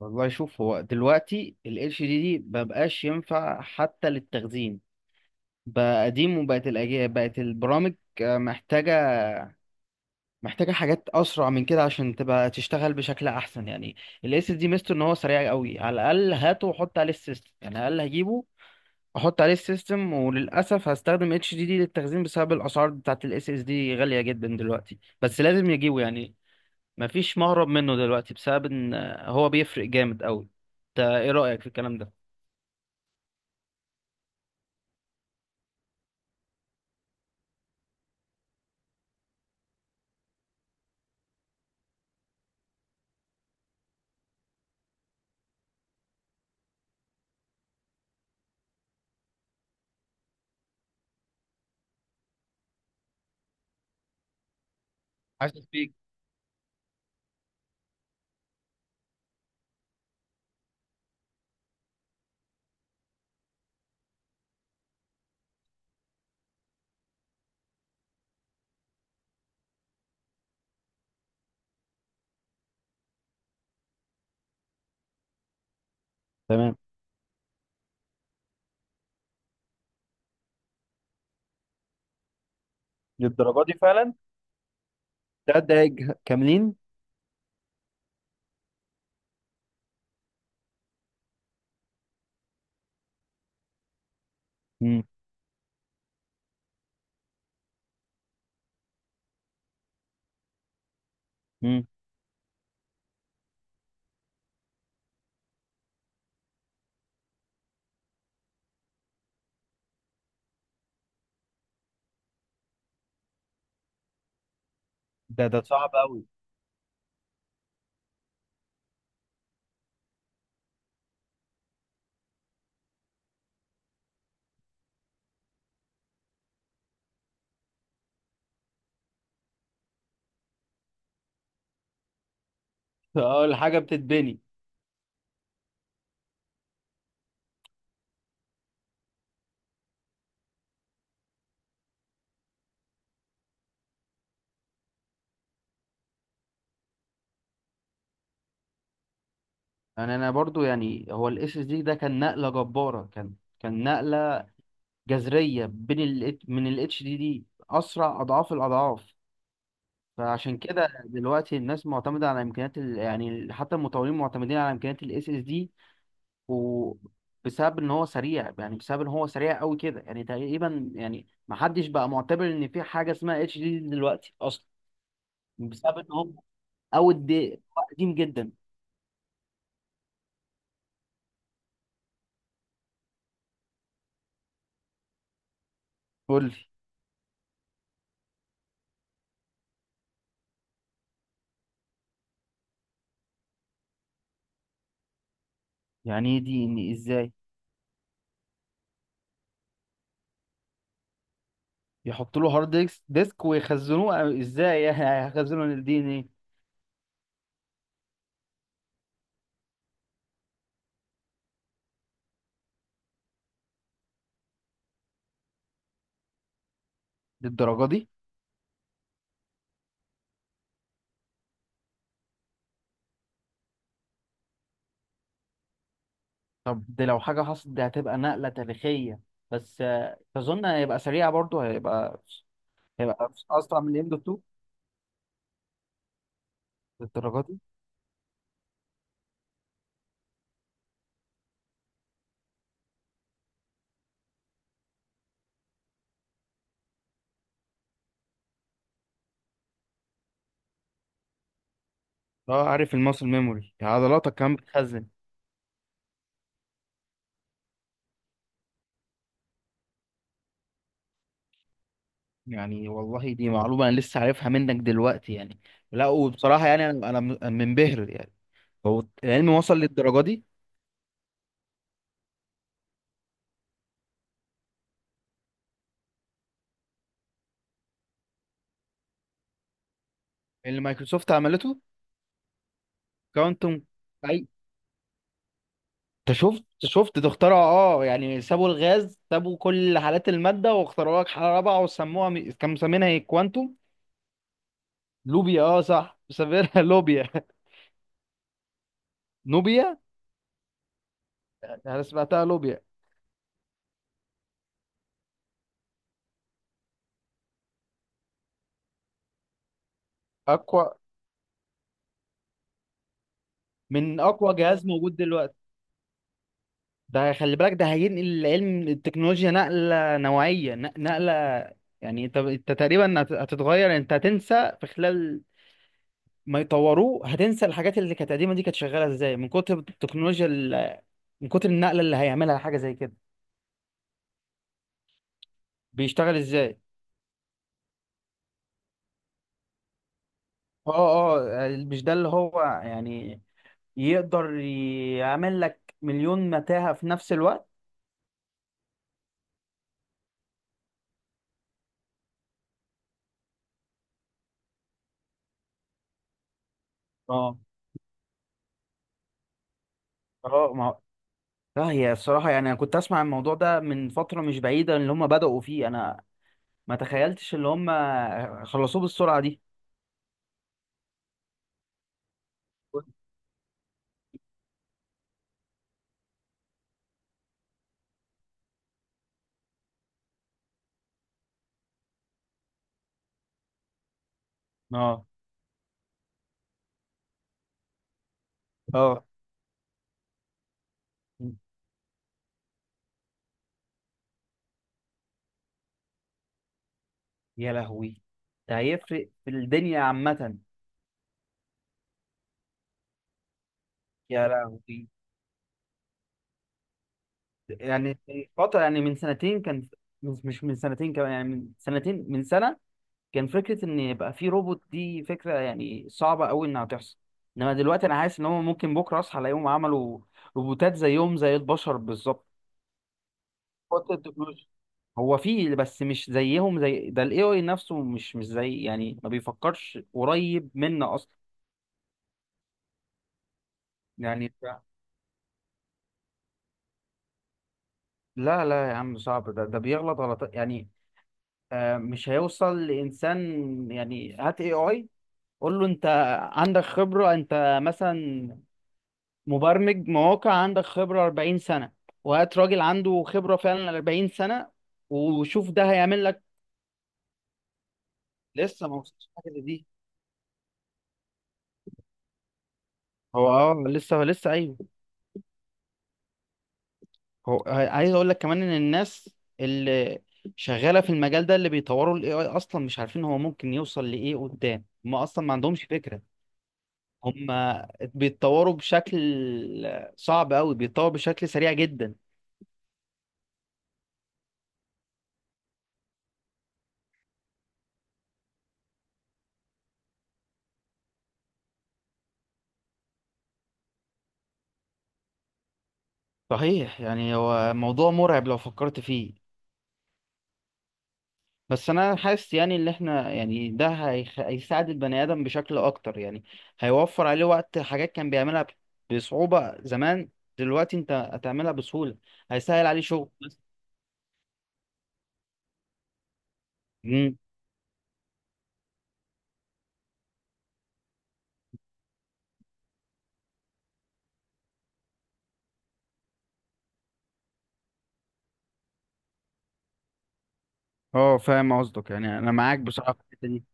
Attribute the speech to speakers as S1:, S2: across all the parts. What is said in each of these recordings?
S1: والله شوف هو دلوقتي ال HDD دي مبقاش ينفع حتى للتخزين. بقى قديم وبقت الأجهزة بقت البرامج آه، محتاجة حاجات أسرع من كده عشان تبقى تشتغل بشكل أحسن يعني. ال SSD ميزته إن هو سريع قوي، على الأقل هاته وحط عليه السيستم، يعني على الأقل هجيبه أحط عليه السيستم، وللأسف هستخدم HDD للتخزين بسبب الأسعار بتاعت ال SSD غالية جدا دلوقتي، بس لازم يجيبه يعني. مفيش مهرب منه دلوقتي بسبب إن آه، هو بيفرق جامد قوي. انت ايه رأيك في الكلام ده؟ حاسس بيك. تمام. للدرجه دي فعلا؟ تلات دقايق كاملين. مم. مم. ده صعب قوي. اه الحاجه بتتبني. يعني انا برضو يعني هو الاس اس دي ده كان نقله جباره، كان نقله جذريه بين ال من الاتش دي دي، اسرع اضعاف الاضعاف. فعشان كده دلوقتي الناس معتمده على امكانيات ال، يعني حتى المطورين معتمدين على امكانيات الاس اس دي، وبسبب ان هو سريع، يعني بسبب ان هو سريع قوي كده، يعني تقريبا يعني ما حدش بقى معتبر ان في حاجه اسمها اتش دي دلوقتي اصلا. بسبب ان هو او دي قديم جدا. قول لي. يعني ايه دي ان ازاي؟ يحط له هارد ديسك ويخزنوه أو ازاي يعني هيخزنوا الدي ان ايه؟ للدرجه دي؟ طب دي لو حاجه حصلت دي هتبقى نقله تاريخيه، بس آه، تظن هيبقى سريع برضه؟ هيبقى هيبقى اسرع من الام دوت 2؟ للدرجه دي؟ اه عارف الماسل ميموري، عضلاتك كمان بتخزن. يعني والله دي معلومة انا لسه عارفها منك دلوقتي يعني. لا وبصراحة يعني انا منبهر يعني. هو العلم وصل للدرجة دي؟ اللي مايكروسوفت عملته. كوانتم. اي. انت شفت ده اخترعوا. اه يعني سابوا الغاز، سابوا كل حالات المادة واخترعوا لك حالة رابعة وسموها كانوا مسمينها ايه، كوانتم لوبيا. اه صح، مسمينها لوبيا. نوبيا. انا سمعتها لوبيا. اقوى من اقوى جهاز موجود دلوقتي. ده خلي بالك ده هينقل العلم التكنولوجيا نقلة نوعية، نقلة يعني. انت تقريبا هتتغير، انت هتنسى في خلال ما يطوروه، هتنسى الحاجات اللي كانت قديمة دي كانت شغالة ازاي من كتر التكنولوجيا ال، من كتر النقلة اللي هيعملها حاجة زي كده. بيشتغل ازاي؟ اه اه مش ده اللي هو يعني يقدر يعمل لك مليون متاهة في نفس الوقت؟ اه اه ما هو- لا هي الصراحة يعني أنا كنت أسمع الموضوع ده من فترة مش بعيدة اللي هم بدأوا فيه، أنا ما تخيلتش اللي هم خلصوه بالسرعة دي. اه اه. يا لهوي. ده هيفرق في الدنيا عامة. يا لهوي. يعني من فترة يعني من سنتين كان، مش من سنتين كمان، يعني من سنتين من سنة، كان فكرة إن يبقى في روبوت دي فكرة يعني صعبة أوي إنها تحصل، إنما دلوقتي أنا حاسس إن هم ممكن بكرة أصحى ألاقيهم عملوا روبوتات زيهم زي البشر. بالظبط. هو فيه بس مش زيهم زي ده، الاي اي نفسه مش زي يعني، ما بيفكرش قريب منا اصلا. يعني لا لا، يا عم صعب، ده بيغلط غلط يعني. آه مش هيوصل لانسان. يعني هات اي اي قول له انت عندك خبرة، انت مثلا مبرمج مواقع عندك خبرة 40 سنة، وهات راجل عنده خبرة فعلا 40 سنة، وشوف ده هيعمل لك. لسه ما وصلش حاجة زي دي. هو اه لسه لسه ايوه. هو عايز اقول لك كمان ان الناس اللي شغاله في المجال ده، اللي بيطوروا الاي اي، اصلا مش عارفين هو ممكن يوصل لايه قدام، هم اصلا ما عندهمش فكره. هم بيتطوروا بشكل صعب قوي، بيتطور بشكل سريع جدا. صحيح، يعني هو موضوع مرعب لو فكرت فيه. بس انا حاسس يعني ان احنا يعني ده هيخ، هيساعد البني ادم بشكل اكتر يعني. هيوفر عليه وقت، حاجات كان بيعملها بصعوبه زمان دلوقتي انت هتعملها بسهوله. هيسهل عليه شغل. اه فاهم قصدك، يعني انا معاك بصراحه في الحته دي.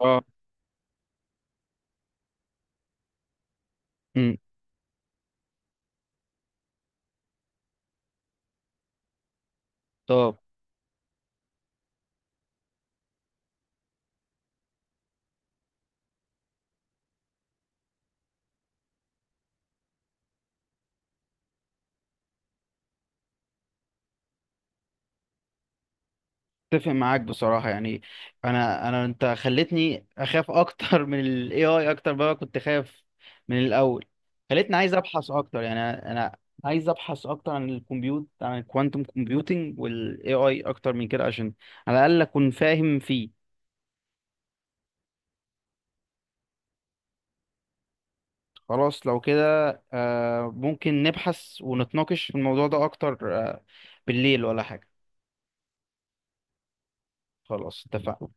S1: اه. امم. طب. اتفق معاك بصراحه يعني. انا انت خلتني اخاف اكتر من الاي اي، اكتر بقى كنت خايف من الاول. خلتني عايز ابحث اكتر يعني. انا عايز ابحث اكتر عن الكمبيوت، عن الكوانتم كومبيوتنج والاي اي اكتر من كده، عشان على الاقل اكون فاهم فيه. خلاص لو كده آه ممكن نبحث ونتناقش في الموضوع ده اكتر، آه بالليل ولا حاجه. خلاص اتفقنا.